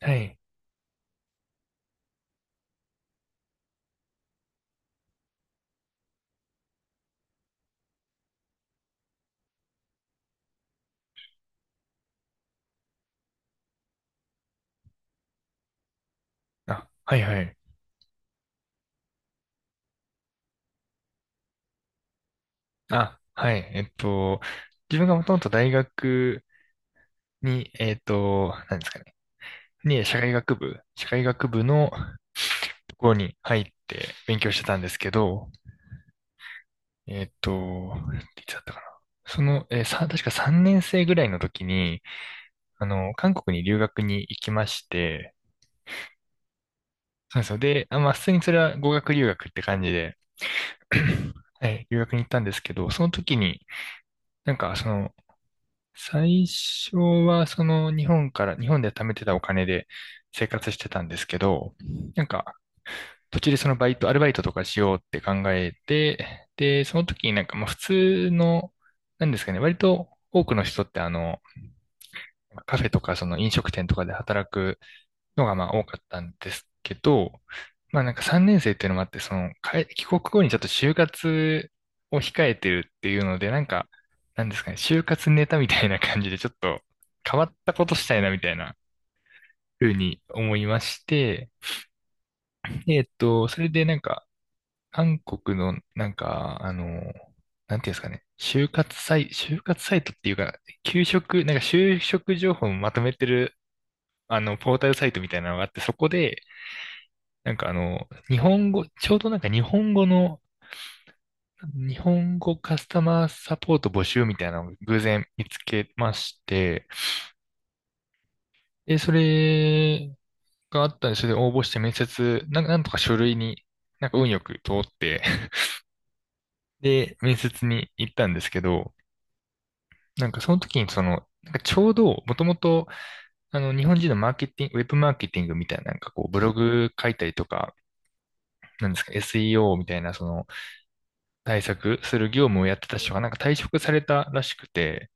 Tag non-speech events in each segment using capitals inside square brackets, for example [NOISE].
はい。あ、はいはい。あ、はい。自分がもともと大学に、えっと、何ですかね。に、社会学部、社会学部のところに入って勉強してたんですけど、えっと、いつだったかな。その、えーさ、確か3年生ぐらいの時に、韓国に留学に行きまして、そうですよ。で、あ、まあ、普通にそれは語学留学って感じで、[CLEARS THROAT] はい、[CLEARS THROAT] 留学に行ったんですけど、その時に、なんか、その、最初はその日本から、日本で貯めてたお金で生活してたんですけど、なんか途中でそのバイト、アルバイトとかしようって考えて、で、その時になんかまあ普通の、なんですかね、割と多くの人ってカフェとかその飲食店とかで働くのがまあ多かったんですけど、まあなんか3年生っていうのもあって、その、帰国後にちょっと就活を控えてるっていうので、なんか、なんですかね、就活ネタみたいな感じでちょっと変わったことしたいなみたいな風に思いまして、でそれでなんか、韓国のなんか、なんていうんですかね、就活サイトっていうか、給食、なんか就職情報をまとめてる、ポータルサイトみたいなのがあって、そこで、なんか日本語、ちょうどなんか日本語の、日本語カスタマーサポート募集みたいなのを偶然見つけまして、で、それがあったんで、それで応募して面接、なんとか書類に、なんか運よく通って [LAUGHS] で、面接に行ったんですけど、なんかその時にその、なんかちょうど、もともと、日本人のマーケティング、ウェブマーケティングみたいな、なんかこう、ブログ書いたりとか、なんですか、SEO みたいな、その、対策する業務をやってた人がなんか退職されたらしくて、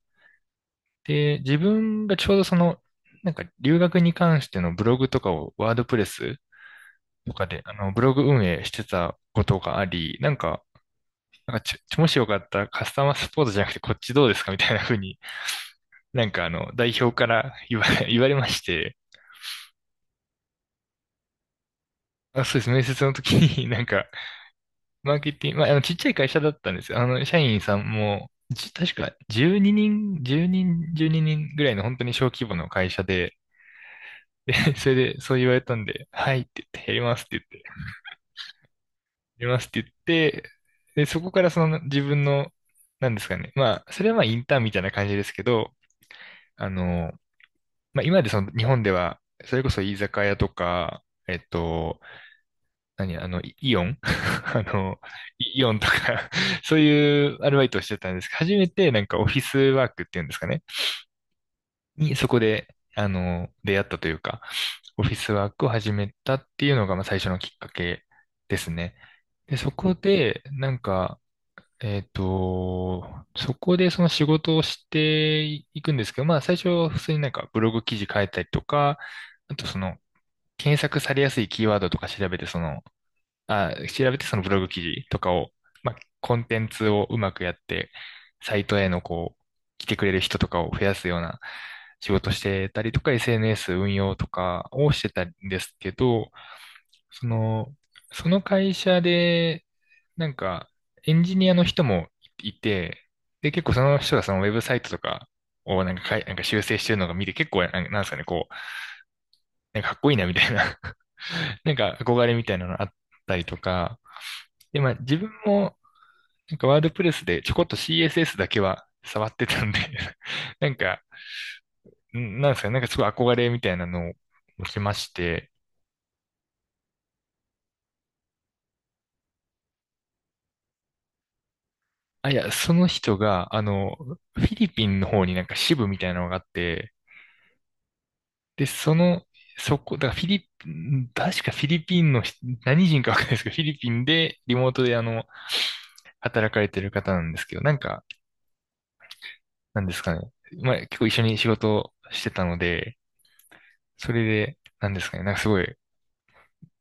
で、自分がちょうどその、なんか留学に関してのブログとかをワードプレスとかで、ブログ運営してたことがあり、なんか、なんかちょ、もしよかったらカスタマーサポートじゃなくてこっちどうですかみたいな風に、なんか代表から[LAUGHS] 言われまして、あ、そうです。面接の時になんか、マーケティング、まあ、ちっちゃい会社だったんですよ。あの、社員さんも、確か12人、10人、12人ぐらいの本当に小規模の会社で、で、[LAUGHS] それでそう言われたんで、はいって言って、やりますって言って、やりますって言って、で、そこからその自分の、なんですかね。まあ、それはまあインターンみたいな感じですけど、あの、まあ今までその日本では、それこそ居酒屋とか、えっと、何、あの、イイオン [LAUGHS] あの、イイオンとか [LAUGHS] そういうアルバイトをしてたんですけど、初めてなんかオフィスワークっていうんですかね。に、そこで、出会ったというか、オフィスワークを始めたっていうのが、まあ、最初のきっかけですね。で、そこで、なんか、そこでその仕事をしていくんですけど、まあ、最初は普通になんかブログ記事書いたりとか、あとその、検索されやすいキーワードとか調べて、その、調べてそのブログ記事とかを、まあ、コンテンツをうまくやって、サイトへのこう、来てくれる人とかを増やすような仕事してたりとか、SNS 運用とかをしてたんですけど、その、その会社で、なんか、エンジニアの人もいて、で、結構その人がそのウェブサイトとかをなんかかい、なんか修正してるのが見て、結構、なんですかね、こう、なんかかっこいいなみたいな [LAUGHS] なんか憧れみたいなのあったりとか、で、まあ自分もなんかワードプレスでちょこっと CSS だけは触ってたんで [LAUGHS] なんか、なんですかね、なんかすごい憧れみたいなのを受けまして、あ、いや、その人が、フィリピンの方になんか支部みたいなのがあって、で、その、そこ、だからフィリピン、確かフィリピンの人、何人かわかんないですけど、フィリピンでリモートで働かれてる方なんですけど、なんか、なんですかね、まあ結構一緒に仕事をしてたので、それで、なんですかね、なんかすごい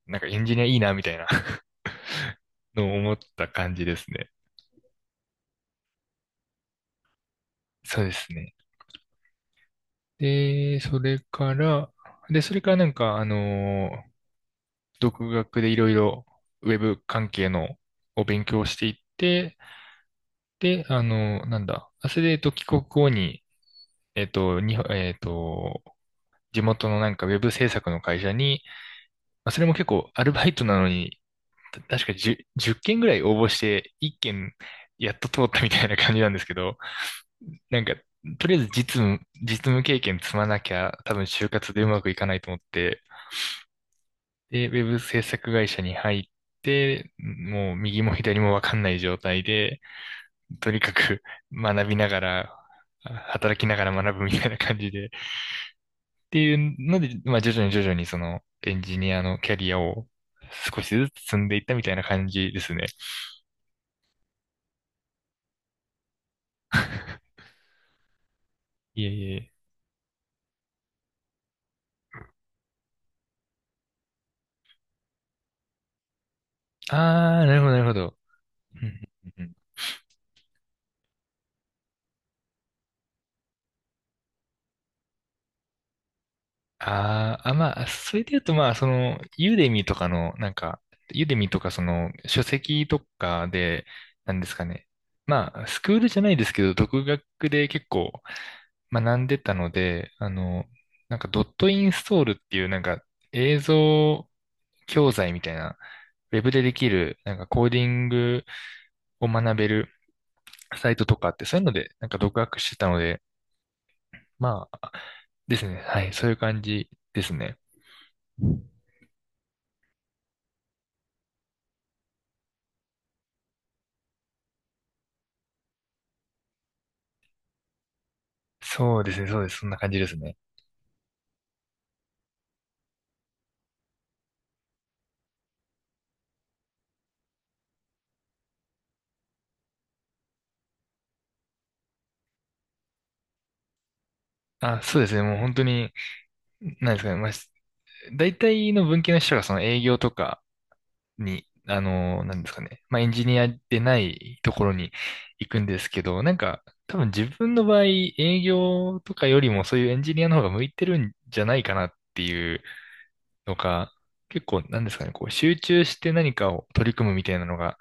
なんかエンジニアいいな、みたいな [LAUGHS] のを思った感じですね。そうですね。で、それから、で、それからなんか、独学でいろいろウェブ関係のを勉強していって、で、あのーなんだ、あそれで、帰国後に、えっと、に、えっと、地元のなんかウェブ制作の会社に、まあそれも結構アルバイトなのに、確か1 10件ぐらい応募して1件やっと通ったみたいな感じなんですけど、なんか、とりあえず実務、実務経験積まなきゃ、多分就活でうまくいかないと思って、で、ウェブ制作会社に入って、もう右も左もわかんない状態で、とにかく [LAUGHS] 学びながら、働きながら学ぶみたいな感じで、っていうので、まあ徐々に徐々にそのエンジニアのキャリアを少しずつ積んでいったみたいな感じですね。[LAUGHS] いえいえ。あー、なるほど、なるほど。まあ、それで言うと、まあ、その、ユーデミとか、その、書籍とかで、なんですかね。まあ、スクールじゃないですけど、独学で結構学んでたので、あの、なんか、ドットインストールっていう、なんか、映像教材みたいな、ウェブでできる、なんか、コーディングを学べるサイトとかあって、そういうので、なんか、独学してたので、まあ、ですね。はい、そういう感じですね。そうですね、そうです。そんな感じですね。あ、そうですね。もう本当に、なんですかね。まあ、大体の文系の人がその営業とかに、なんですかね。まあ、エンジニアでないところに行くんですけど、なんか、多分自分の場合、営業とかよりもそういうエンジニアの方が向いてるんじゃないかなっていうのか結構、なんですかね、こう、集中して何かを取り組むみたいなのが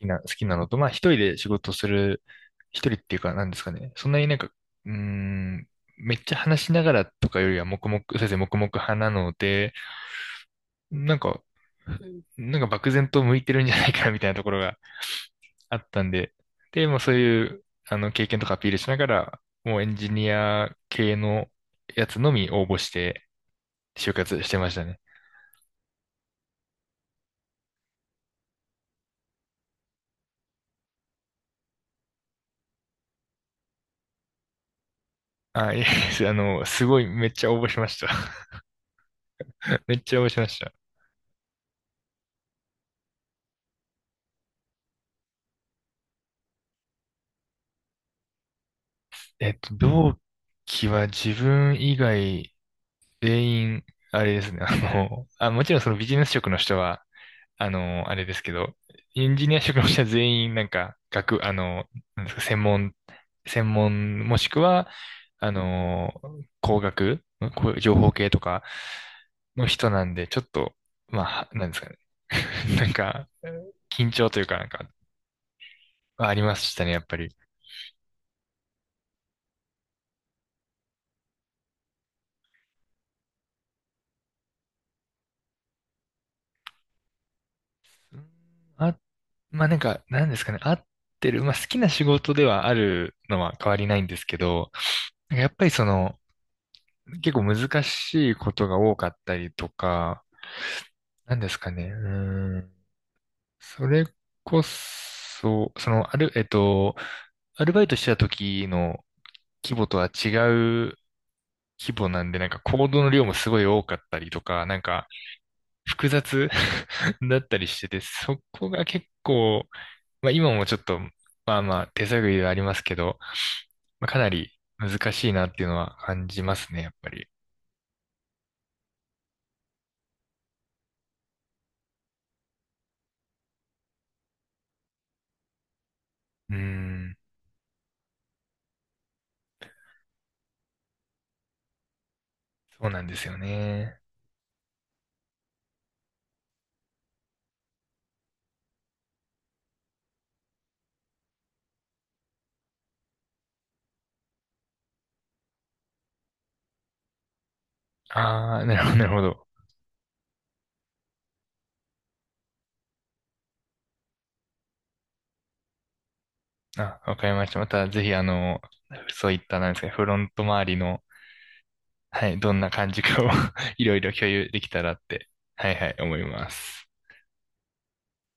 好きなのと、まあ、一人で仕事する、一人っていうか、なんですかね、そんなになんか、うーん、めっちゃ話しながらとかよりは黙々、先生黙々派なので、なんか、なんか漠然と向いてるんじゃないかなみたいなところがあったんで、で、もうそういう、あの、経験とかアピールしながら、もうエンジニア系のやつのみ応募して就活してましたね。あ、いえ、[LAUGHS] あの、すごい、めっちゃ応募しました。[LAUGHS] めっちゃ応募しました。えっと、同期は自分以外全員、あれですね、あの、あ、もちろんそのビジネス職の人は、あの、あれですけど、エンジニア職の人は全員、なんか、学、あの、なんですか、専門、もしくは、あの、工学、んこう情報系とかの人なんで、ちょっと、まあ、なんですかね。[LAUGHS] なんか、緊張というか、なんか、ありましたね、やっぱり。うんあ、まあ、なんか、なんですかね、合ってる。まあ、好きな仕事ではあるのは変わりないんですけど、なんかやっぱりその、結構難しいことが多かったりとか、なんですかね、うん、それこそ、その、ある、えっと、アルバイトしてた時の規模とは違う規模なんで、なんか行動の量もすごい多かったりとか、なんか、複雑 [LAUGHS] だったりしてて、そこが結構、まあ今もちょっと、まあまあ手探りではありますけど、まあ、かなり難しいなっていうのは感じますね、やっぱり。うーん、そうなんですよね。ああ、なるほど、なるほど。あ、わかりました。またぜひあの、そういったなんですか、フロント周りの、はい、どんな感じかを [LAUGHS] いろいろ共有できたらって、はいはい、思います。